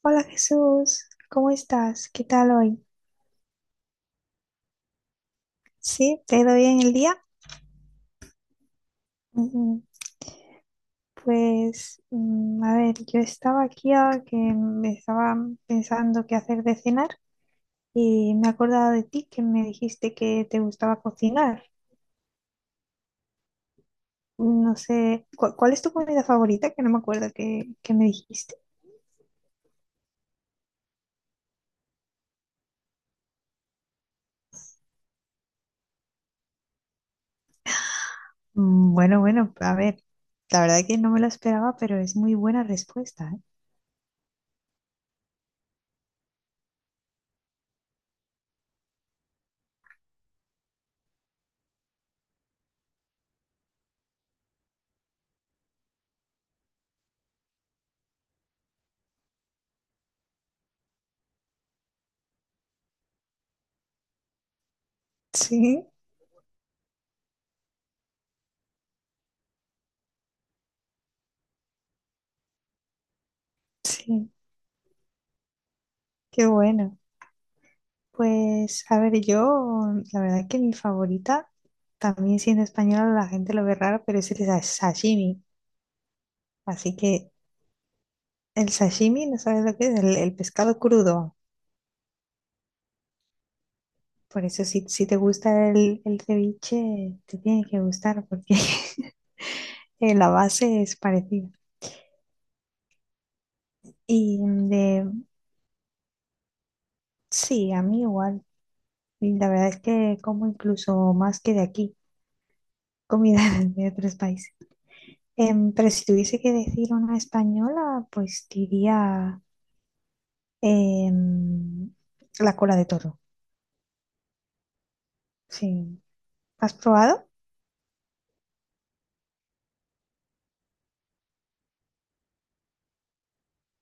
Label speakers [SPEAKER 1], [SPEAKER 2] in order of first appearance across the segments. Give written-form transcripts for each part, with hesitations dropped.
[SPEAKER 1] Hola Jesús, ¿cómo estás? ¿Qué tal hoy? ¿Sí? ¿Te ha ido bien el día? Ujú. Pues, a ver, yo estaba aquí ahora que me estaba pensando qué hacer de cenar, y me he acordado de ti, que me dijiste que te gustaba cocinar. No sé, ¿cuál es tu comida favorita? Que no me acuerdo que me dijiste. Bueno, bueno, a ver, la verdad que no me lo esperaba, pero es muy buena respuesta, ¿eh? Sí, sí, qué bueno. Pues, a ver, yo, la verdad es que mi favorita, también siendo española, la gente lo ve raro, pero es el sashimi. Así que el sashimi, ¿no sabes lo que es? El pescado crudo. Por eso, si, si te gusta el ceviche, te tiene que gustar, porque la base es parecida. Y de, sí, a mí igual. Y la verdad es que como incluso más que de aquí, comida de otros países. Pero si tuviese que decir una española, pues diría. Em, la cola de toro, sí. ¿Has probado?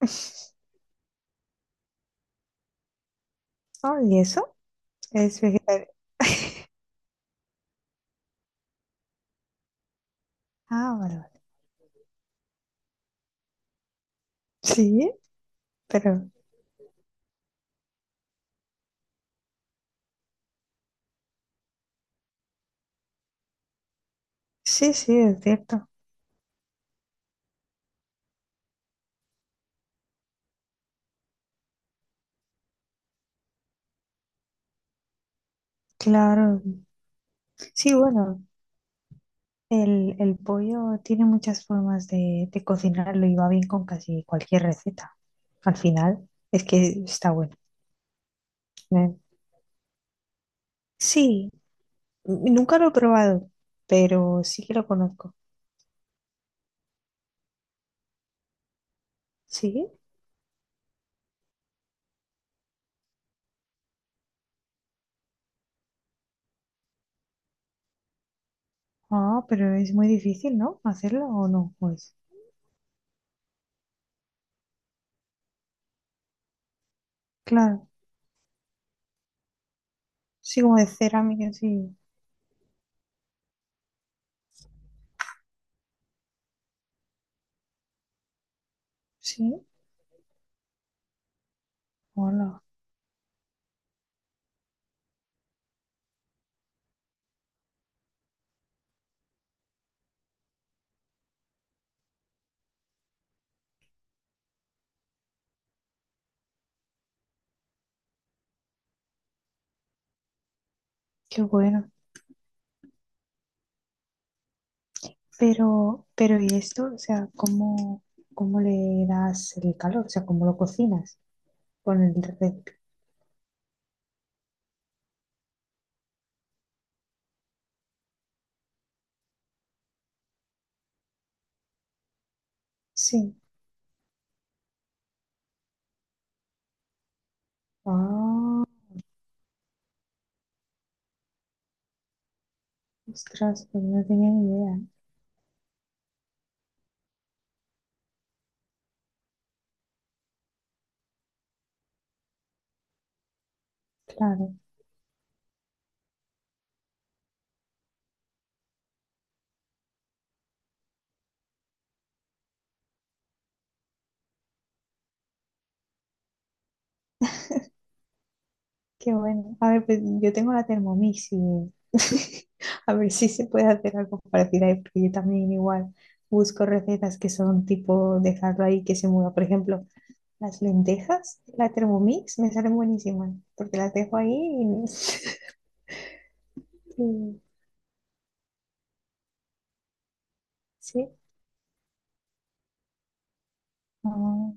[SPEAKER 1] Oh, ¿y eso? Es vegetariano. Ah, vale, vale. Sí, pero sí, sí, es cierto. Claro. Sí, bueno, el pollo tiene muchas formas de cocinarlo, y va bien con casi cualquier receta. Al final, es que está bueno. Eh, Sí, nunca lo he probado, pero sí que lo conozco. Sí. Ah, pero es muy difícil, ¿no? Hacerlo o no, pues. Claro, sí, como de cerámica, sí, sí, hola, qué bueno. Pero ¿y esto? O sea, ¿cómo, cómo le das el calor? O sea, ¿cómo lo cocinas con el rep? Sí. Ah, ostras, pues no tenía ni idea. Claro, qué bueno. A ver, pues yo tengo la Thermomix, y a ver si se puede hacer algo parecido ahí, porque yo también igual busco recetas que son tipo dejarlo ahí que se mueva. Por ejemplo. Las lentejas, la Thermomix, me salen buenísimas, porque las dejo ahí y, y- sí, ah,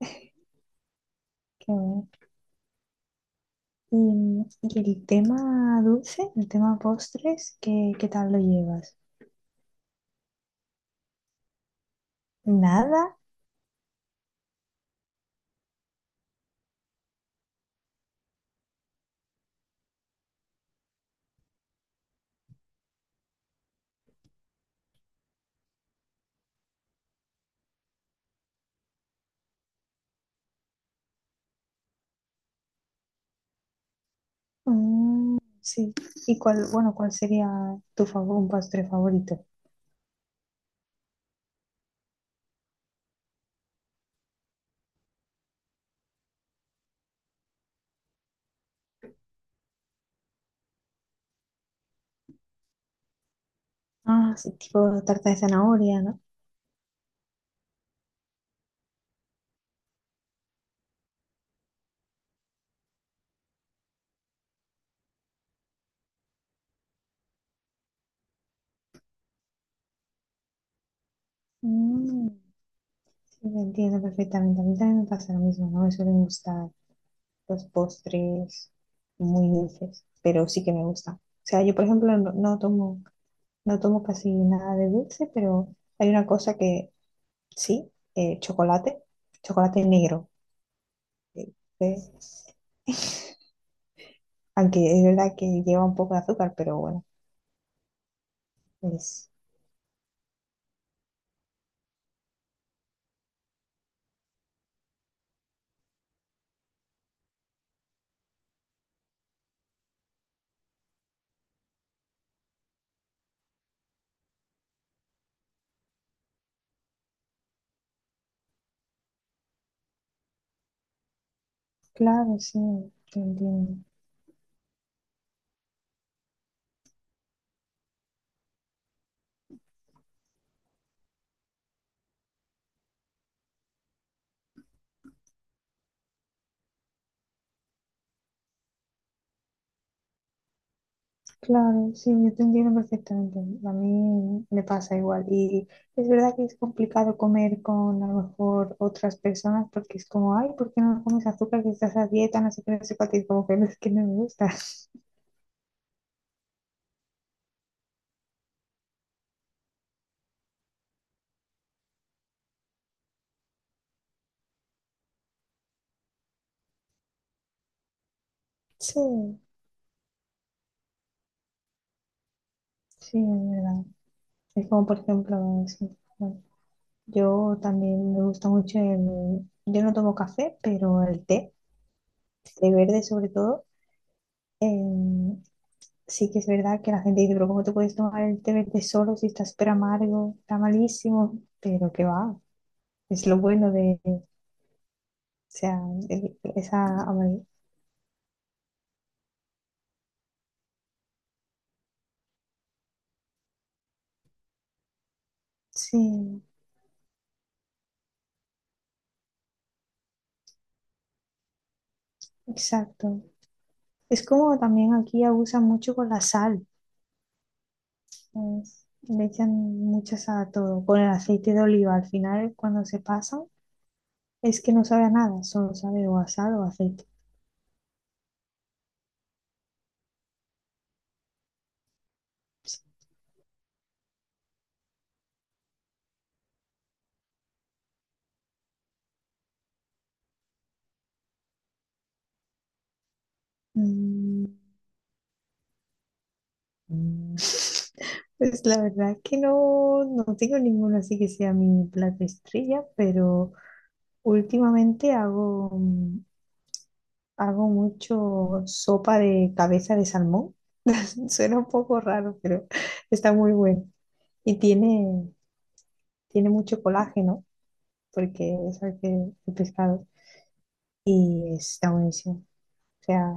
[SPEAKER 1] qué bueno. Y, y el tema dulce, el tema postres, ¿qué, qué tal lo llevas? ¿Nada? Sí. ¿Y cuál, bueno, cuál sería tu favor, un postre favorito? Ah, sí, tipo tarta de zanahoria, ¿no? Mm, sí, entiendo perfectamente. A mí también me pasa lo mismo, ¿no? Me suelen gustar los postres muy dulces, pero sí que me gustan. O sea, yo, por ejemplo, no, no tomo, no tomo casi nada de dulce, pero hay una cosa que sí, chocolate, chocolate negro. eh, eh, Aunque es verdad que lleva un poco de azúcar, pero bueno, es claro, sí, también. Claro, sí, yo te entiendo perfectamente. A mí me pasa igual. Y es verdad que es complicado comer con a lo mejor otras personas, porque es como, ay, ¿por qué no comes azúcar que estás a dieta? No sé qué, no sé cuánto", y como que no, es que no me gusta. Sí, sí, es verdad. Es como, por ejemplo, sí, bueno, yo también me gusta mucho el... Yo no tomo café, pero el té, té verde sobre todo. em, sí que es verdad que la gente dice, pero ¿cómo te puedes tomar el té verde solo si está súper amargo? Está malísimo, pero que va, es lo bueno de, o sea, esa amargura. Sí, exacto. Es como también aquí abusan mucho con la sal, ¿sabes? Le echan mucha sal a todo, con el aceite de oliva. Al final, cuando se pasan, es que no sabe a nada, solo sabe o a sal o a aceite. Mm, Pues la verdad es que no, no tengo ninguno así que sea mi plato estrella, pero últimamente hago, hago mucho sopa de cabeza de salmón. Suena un poco raro, pero está muy bueno. Y tiene, tiene mucho colágeno, porque es el, el pescado, y está buenísimo. O sea,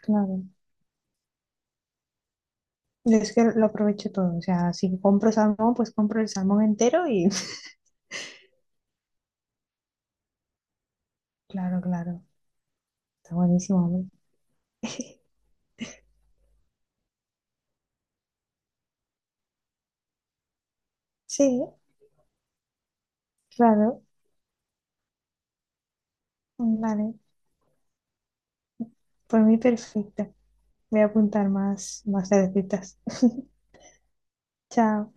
[SPEAKER 1] claro, es que lo aprovecho todo. O sea, si compro salmón, pues compro el salmón entero y... Claro, claro, está buenísimo, hombre. Sí. Claro, vale. Por mí perfecto. Voy a apuntar más, más recetas. Chao.